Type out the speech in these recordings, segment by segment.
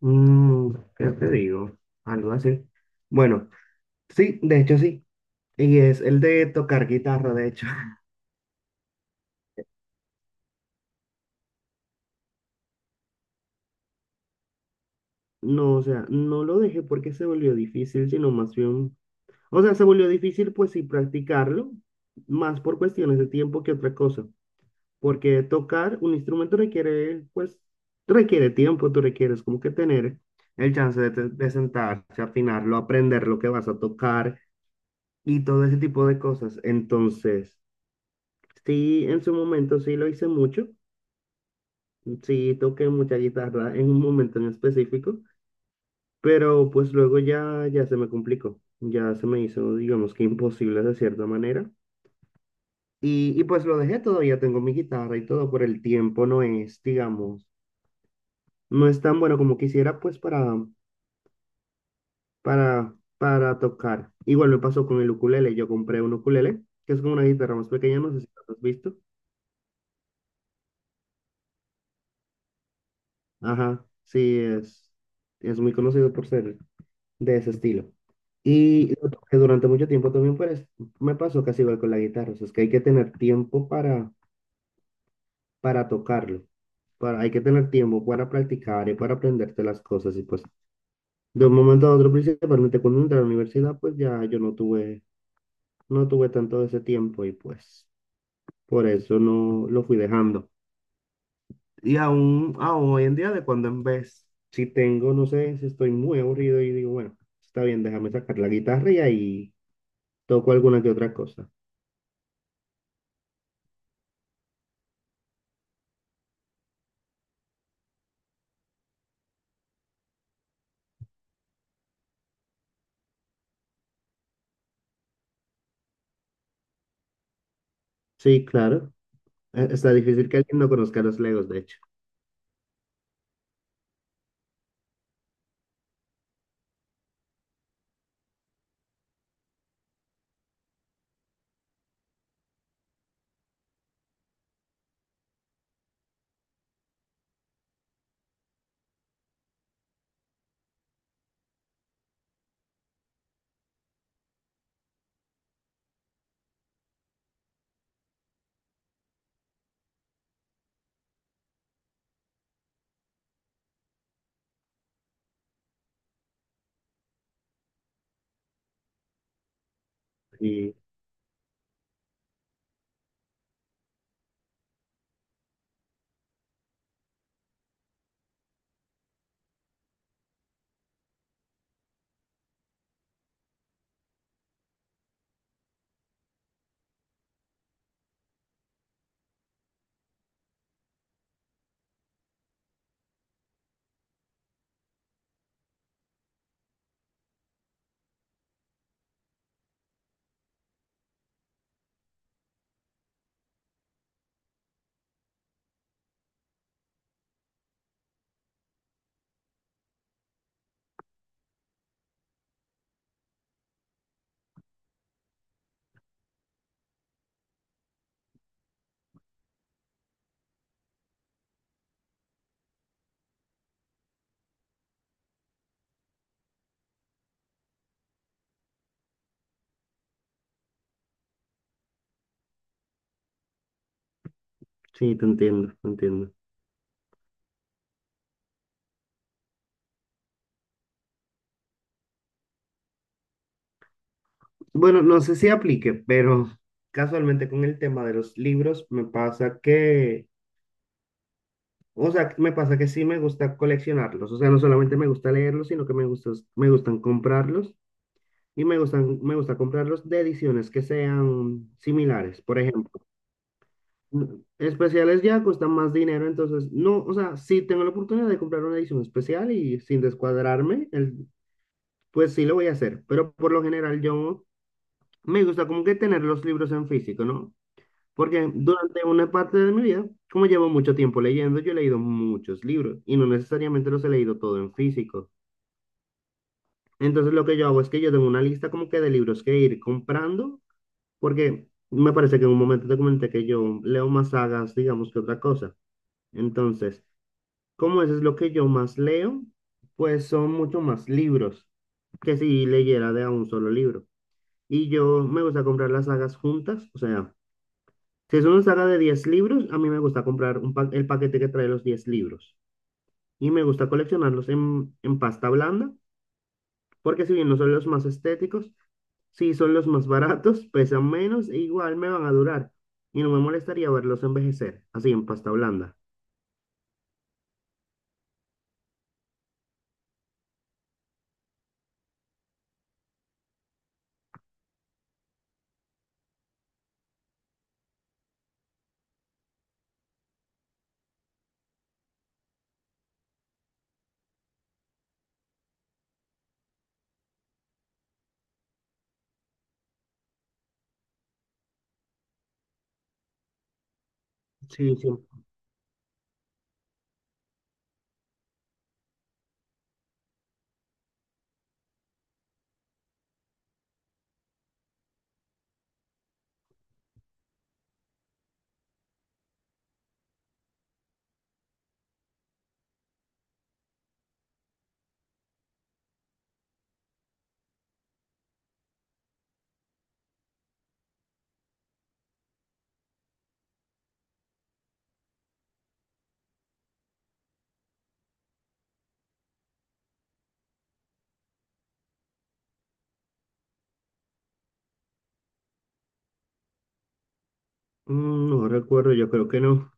Mm, ¿qué te digo? Algo así. Bueno, sí, de hecho sí. Y es el de tocar guitarra, de hecho. No, o sea, no lo dejé porque se volvió difícil, sino más bien, o sea, se volvió difícil pues sí practicarlo, más por cuestiones de tiempo que otra cosa, porque tocar un instrumento requiere, pues, requiere tiempo, tú requieres como que tener el chance de, de sentarse, afinarlo, aprender lo que vas a tocar y todo ese tipo de cosas. Entonces, sí, en su momento sí lo hice mucho, sí toqué mucha guitarra en un momento en específico, pero pues luego ya se me complicó, ya se me hizo, digamos que imposible de cierta manera. Y pues lo dejé todo, ya tengo mi guitarra y todo, por el tiempo no es, digamos, no es tan bueno como quisiera pues para, para tocar. Igual me pasó con el ukulele, yo compré un ukulele, que es como una guitarra más pequeña, no sé si lo has visto. Ajá, sí, es muy conocido por ser de ese estilo. Y lo toqué durante mucho tiempo también, pero me pasó casi igual con la guitarra. O sea, es que hay que tener tiempo para tocarlo. Para, hay que tener tiempo para practicar y para aprenderte las cosas. Y pues, de un momento a otro, principalmente cuando entré a la universidad, pues ya yo no tuve tanto de ese tiempo y pues por eso no lo fui dejando. Y aún hoy en día, de cuando en vez, si tengo, no sé, si estoy muy aburrido y digo, bueno, está bien, déjame sacar la guitarra y ahí toco alguna que otra cosa. Sí, claro. Está difícil que alguien no conozca los Legos, de hecho. Y sí, te entiendo, te entiendo. Bueno, no sé si aplique, pero casualmente con el tema de los libros me pasa que, o sea, me pasa que sí me gusta coleccionarlos. O sea, no solamente me gusta leerlos, sino que me gustan comprarlos y me gusta comprarlos de ediciones que sean similares. Por ejemplo, especiales ya cuestan más dinero, entonces no, o sea, sí tengo la oportunidad de comprar una edición especial y sin descuadrarme, el, pues sí, lo voy a hacer, pero por lo general yo me gusta como que tener los libros en físico, ¿no? Porque durante una parte de mi vida, como llevo mucho tiempo leyendo, yo he leído muchos libros y no necesariamente los he leído todo en físico. Entonces lo que yo hago es que yo tengo una lista como que de libros que ir comprando, porque me parece que en un momento te comenté que yo leo más sagas, digamos, que otra cosa. Entonces, como eso es lo que yo más leo, pues son mucho más libros que si leyera de a un solo libro. Y yo me gusta comprar las sagas juntas. O sea, si es una saga de 10 libros, a mí me gusta comprar el paquete que trae los 10 libros. Y me gusta coleccionarlos en pasta blanda, porque si bien no son los más estéticos, sí son los más baratos, pesan menos e igual me van a durar. Y no me molestaría verlos envejecer, así en pasta blanda. Sí, sí. Mm, no recuerdo, yo creo que no.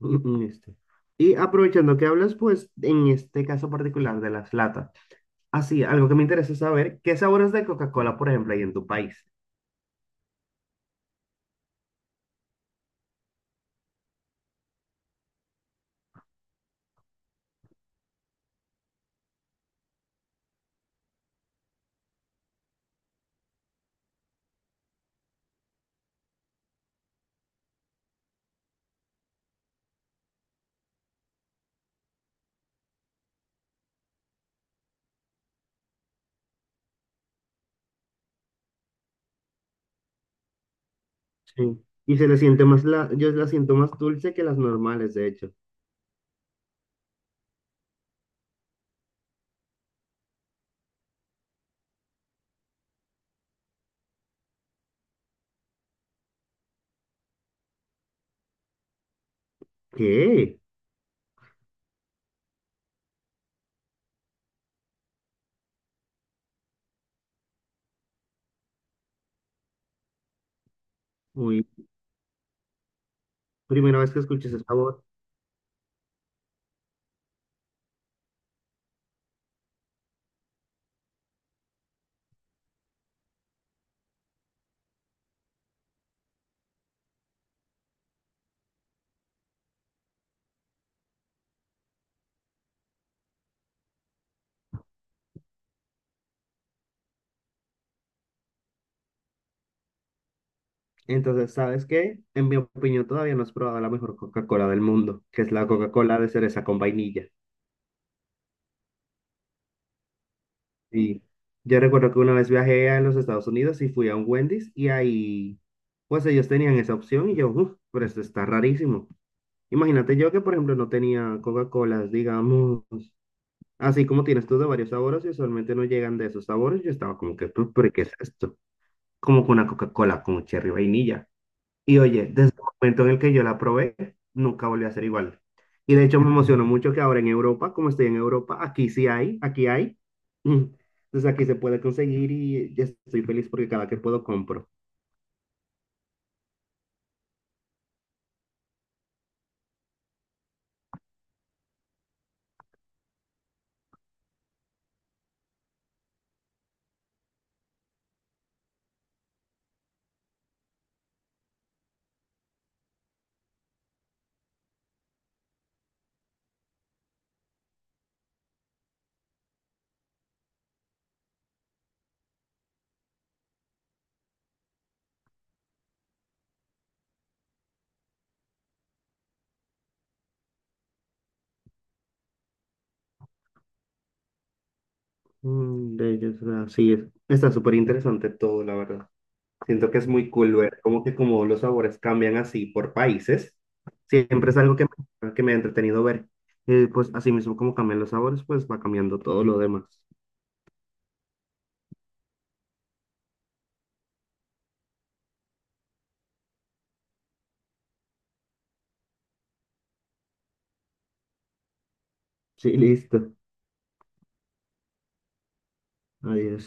Este. Y aprovechando que hablas, pues en este caso particular de las latas. Así, algo que me interesa saber, ¿qué sabores de Coca-Cola, por ejemplo, hay en tu país? Sí. Y se le siente más yo la siento más dulce que las normales, de hecho. ¿Qué? Uy, primera vez que escuché ese sabor. Entonces, ¿sabes qué? En mi opinión, todavía no has probado la mejor Coca-Cola del mundo, que es la Coca-Cola de cereza con vainilla. Y yo recuerdo que una vez viajé a los Estados Unidos y fui a un Wendy's y ahí, pues ellos tenían esa opción y yo, uff, pero esto está rarísimo. Imagínate yo que, por ejemplo, no tenía Coca-Colas, digamos. Así como tienes tú de varios sabores y usualmente no llegan de esos sabores, yo estaba como que, ¿pero qué es esto? Como con una Coca-Cola con cherry vainilla. Y oye, desde el momento en el que yo la probé, nunca volvió a ser igual. Y de hecho me emocionó mucho que ahora en Europa, como estoy en Europa, aquí sí hay, aquí hay. Mm. Entonces aquí se puede conseguir y ya estoy feliz porque cada que puedo compro. Mm, de ellos, ah, sí, está súper interesante todo, la verdad. Siento que es muy cool ver como que como los sabores cambian así por países. Siempre es algo que me ha entretenido ver. Y pues así mismo como cambian los sabores, pues va cambiando todo lo demás. Sí, listo. Adiós.